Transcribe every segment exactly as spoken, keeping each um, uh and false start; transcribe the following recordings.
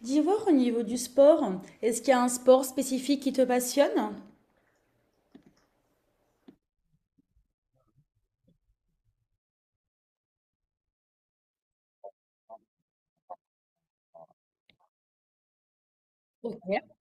D'y voir au niveau du sport, est-ce qu'il y a un sport spécifique qui te passionne? OK.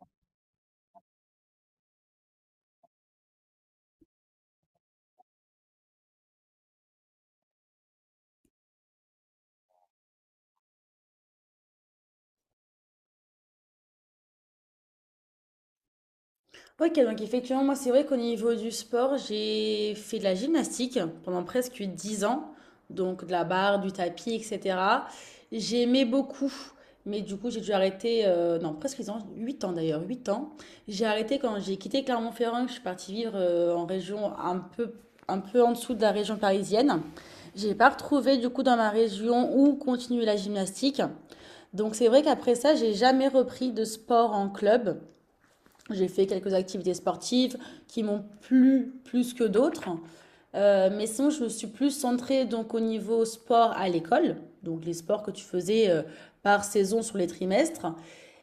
OK, donc effectivement, moi, c'est vrai qu'au niveau du sport, j'ai fait de la gymnastique pendant presque dix ans, donc de la barre, du tapis, et cetera. J'aimais beaucoup, mais du coup, j'ai dû arrêter, euh, non, presque dix ans, huit ans d'ailleurs, huit ans. J'ai arrêté quand j'ai quitté Clermont-Ferrand, que je suis partie vivre euh, en région un peu, un peu en dessous de la région parisienne. J'ai pas retrouvé du coup dans ma région où continuer la gymnastique. Donc c'est vrai qu'après ça, j'ai jamais repris de sport en club. J'ai fait quelques activités sportives qui m'ont plu plus que d'autres. Euh, mais sinon, je me suis plus centrée donc au niveau sport à l'école, donc les sports que tu faisais euh, par saison sur les trimestres.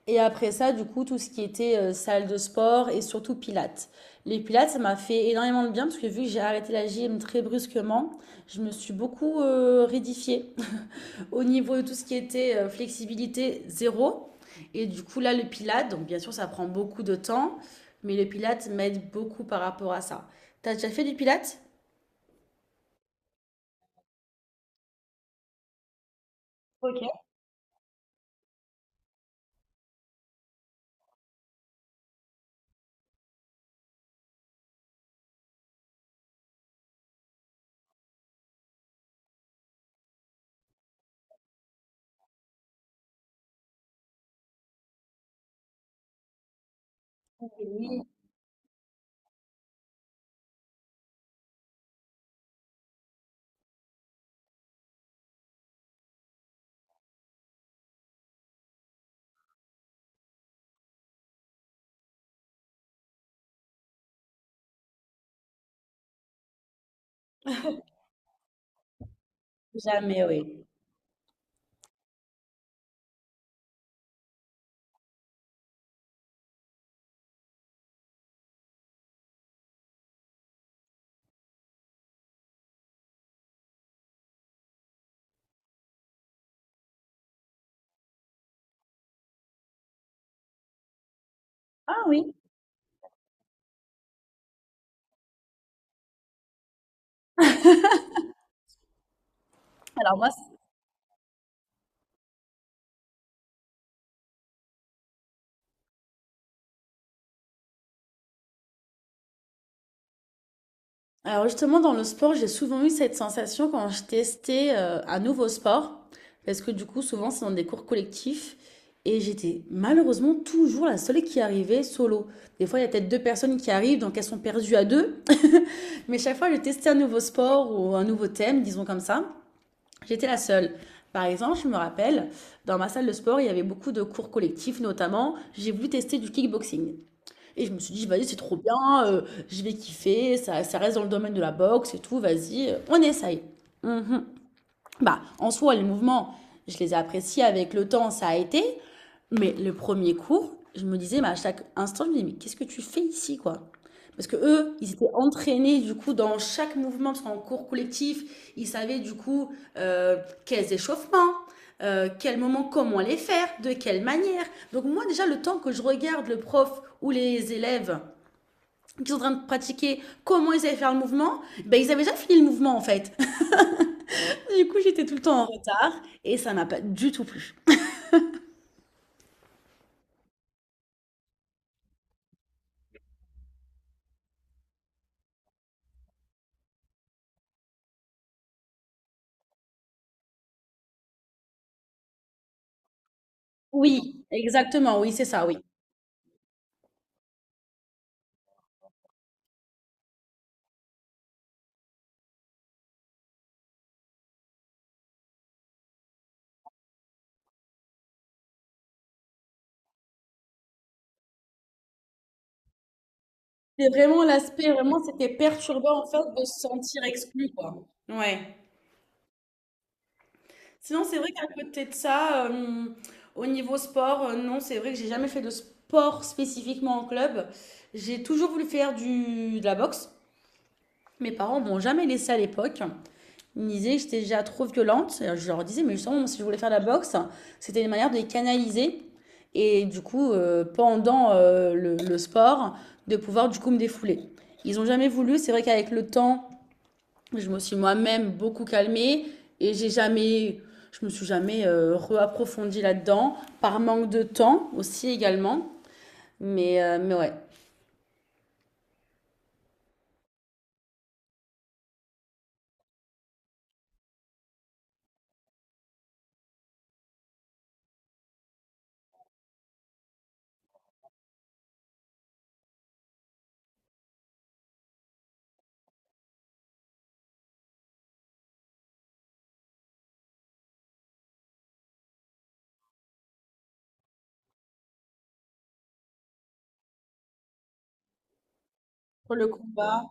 Et après ça, du coup, tout ce qui était euh, salle de sport et surtout pilates. Les pilates, ça m'a fait énormément de bien parce que vu que j'ai arrêté la gym très brusquement, je me suis beaucoup euh, rédifiée au niveau de tout ce qui était euh, flexibilité zéro. Et du coup, là, le Pilate, donc bien sûr, ça prend beaucoup de temps, mais le Pilate m'aide beaucoup par rapport à ça. T'as déjà fait du Pilate? Oui. Jamais, oui. Ah oui, alors moi, c- Alors justement, dans le sport, j'ai souvent eu cette sensation quand je testais euh, un nouveau sport, parce que du coup, souvent, c'est dans des cours collectifs, et j'étais malheureusement toujours la seule qui arrivait solo. Des fois, il y a peut-être deux personnes qui arrivent, donc elles sont perdues à deux. Mais chaque fois, je testais un nouveau sport ou un nouveau thème, disons comme ça. J'étais la seule. Par exemple, je me rappelle, dans ma salle de sport, il y avait beaucoup de cours collectifs, notamment, j'ai voulu tester du kickboxing. Et je me suis dit, vas-y, c'est trop bien, euh, je vais kiffer, ça, ça reste dans le domaine de la boxe et tout, vas-y, euh, on essaye. Mhm. Bah, en soi, les mouvements, je les ai appréciés avec le temps, ça a été. Mais le premier cours, je me disais, bah, à chaque instant, je me disais, mais qu'est-ce que tu fais ici, quoi? Parce que eux, ils étaient entraînés du coup dans chaque mouvement, parce qu'en cours collectif, ils savaient du coup euh, quels échauffements, euh, quel moment, comment les faire, de quelle manière. Donc moi déjà, le temps que je regarde le prof ou les élèves qui sont en train de pratiquer comment ils allaient faire le mouvement, ben, ils avaient déjà fini le mouvement en fait. Du coup, j'étais tout le temps en retard et ça n'a pas du tout plu. Oui, exactement, oui, c'est ça, oui. C'est vraiment l'aspect, vraiment, c'était perturbant en fait de se sentir exclu, quoi. Ouais. Sinon, c'est vrai qu'à côté de ça, euh, au niveau sport, euh, non, c'est vrai que j'ai jamais fait de sport spécifiquement en club. J'ai toujours voulu faire du, de la boxe. Mes parents m'ont jamais laissé à l'époque. Ils me disaient que j'étais déjà trop violente. Et je leur disais, mais justement, si je voulais faire de la boxe, c'était une manière de les canaliser. Et du coup, euh, pendant euh, le, le sport, de pouvoir du coup me défouler. Ils n'ont jamais voulu. C'est vrai qu'avec le temps, je me suis moi-même beaucoup calmée et j'ai jamais, je me suis jamais euh, reapprofondie là-dedans par manque de temps aussi également. Mais, euh, mais ouais. Pour le combat,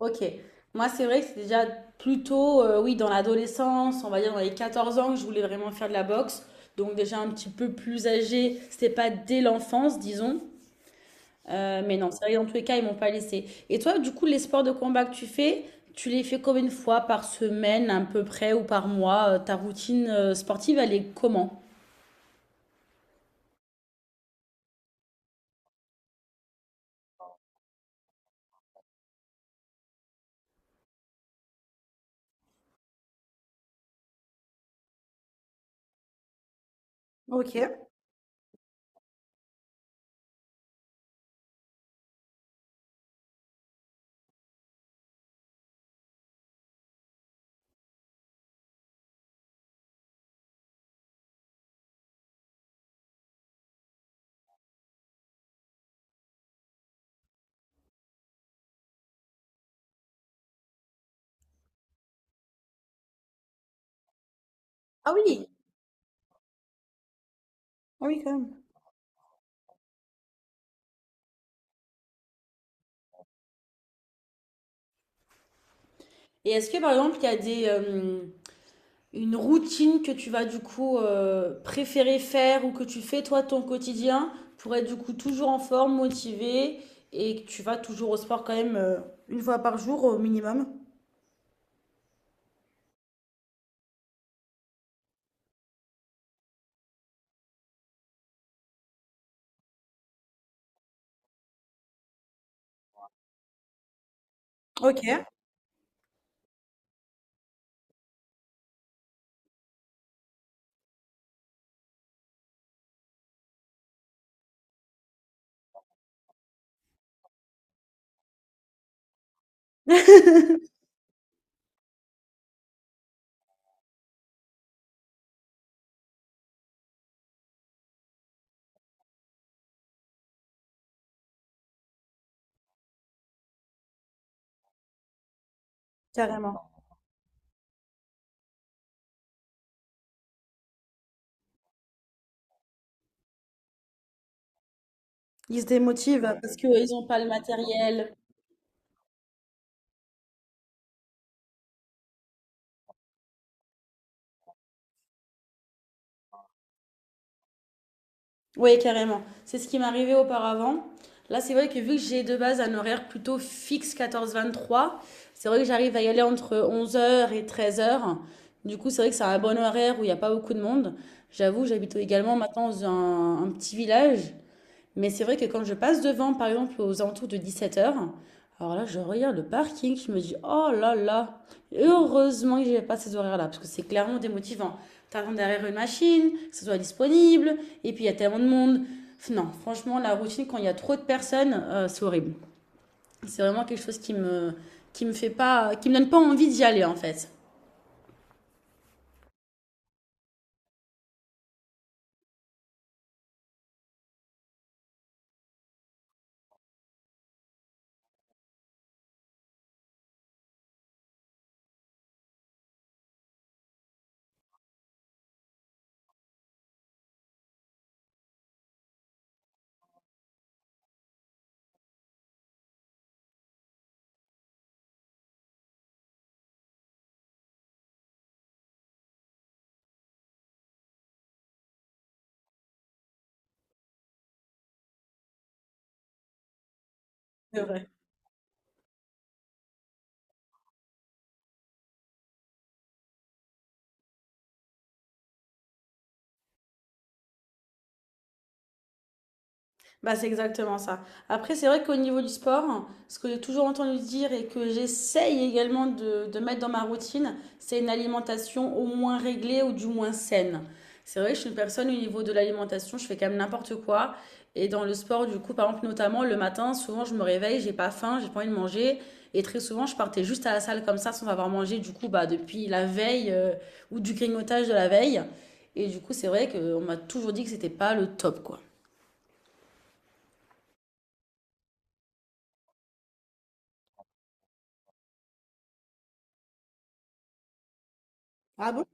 Ok. Moi, c'est vrai que c'est déjà plutôt, euh, oui, dans l'adolescence, on va dire dans les quatorze ans, que je voulais vraiment faire de la boxe. Donc déjà un petit peu plus âgé, c'était pas dès l'enfance, disons. Euh, mais non, c'est vrai, que dans tous les cas, ils m'ont pas laissé. Et toi, du coup, les sports de combat que tu fais, tu les fais combien de fois par semaine, à peu près, ou par mois? Euh, Ta routine euh, sportive, elle est comment? Ok. Ah oui, ah oui, quand même. Et est-ce que, par exemple, il y a des, euh, une routine que tu vas du coup euh, préférer faire ou que tu fais toi ton quotidien pour être du coup toujours en forme, motivée et que tu vas toujours au sport quand même euh, une fois par jour au minimum. Ok. Carrément. Ils se démotivent parce qu'ils n'ont pas le matériel. Oui, carrément. C'est ce qui m'arrivait auparavant. Là, c'est vrai que vu que j'ai de base un horaire plutôt fixe quatorze vingt-trois, c'est vrai que j'arrive à y aller entre onze heures et treize heures. Du coup, c'est vrai que c'est un bon horaire où il n'y a pas beaucoup de monde. J'avoue, j'habite également maintenant dans un, un petit village. Mais c'est vrai que quand je passe devant, par exemple, aux alentours de dix-sept heures, alors là, je regarde le parking, je me dis, oh là là, heureusement que j'ai pas ces horaires-là, parce que c'est clairement démotivant. T'attends derrière une machine, que ce soit disponible, et puis il y a tellement de monde. Non, franchement, la routine, quand il y a trop de personnes, euh, c'est horrible. C'est vraiment quelque chose qui me, qui me fait pas, qui me donne pas envie d'y aller, en fait. C'est vrai. Bah, c'est exactement ça. Après, c'est vrai qu'au niveau du sport, ce que j'ai toujours entendu dire et que j'essaye également de, de mettre dans ma routine, c'est une alimentation au moins réglée ou du moins saine. C'est vrai que je suis une personne au niveau de l'alimentation, je fais quand même n'importe quoi. Et dans le sport, du coup, par exemple, notamment le matin, souvent je me réveille, j'ai pas faim, j'ai pas envie de manger. Et très souvent, je partais juste à la salle comme ça sans avoir mangé, du coup, bah, depuis la veille euh, ou du grignotage de la veille. Et du coup, c'est vrai qu'on m'a toujours dit que c'était pas le top, quoi. Ah bon?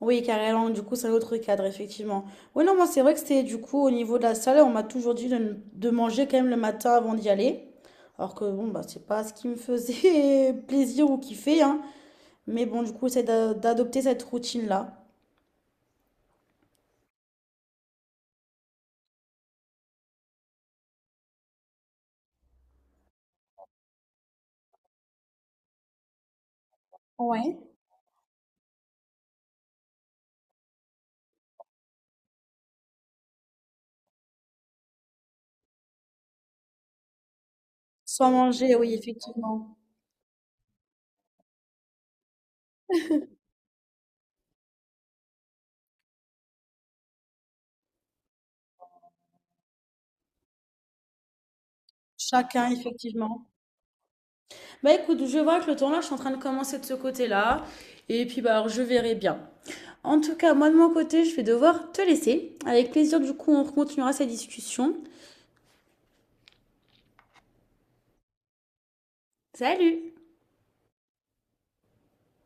Oui, carrément, du coup, c'est un autre cadre, effectivement. Oui, non, moi, c'est vrai que c'était du coup au niveau de la salle, on m'a toujours dit de, n- de manger quand même le matin avant d'y aller. Alors que bon, bah, c'est pas ce qui me faisait plaisir ou kiffer, hein. Mais bon, du coup, c'est d'a- d'adopter cette routine-là. Ouais. Soit manger, oui, effectivement. Chacun, effectivement. Bah écoute, je vois que le temps là, je suis en train de commencer de ce côté-là. Et puis, bah, alors, je verrai bien. En tout cas, moi de mon côté, je vais devoir te laisser. Avec plaisir, du coup, on continuera cette discussion. Salut!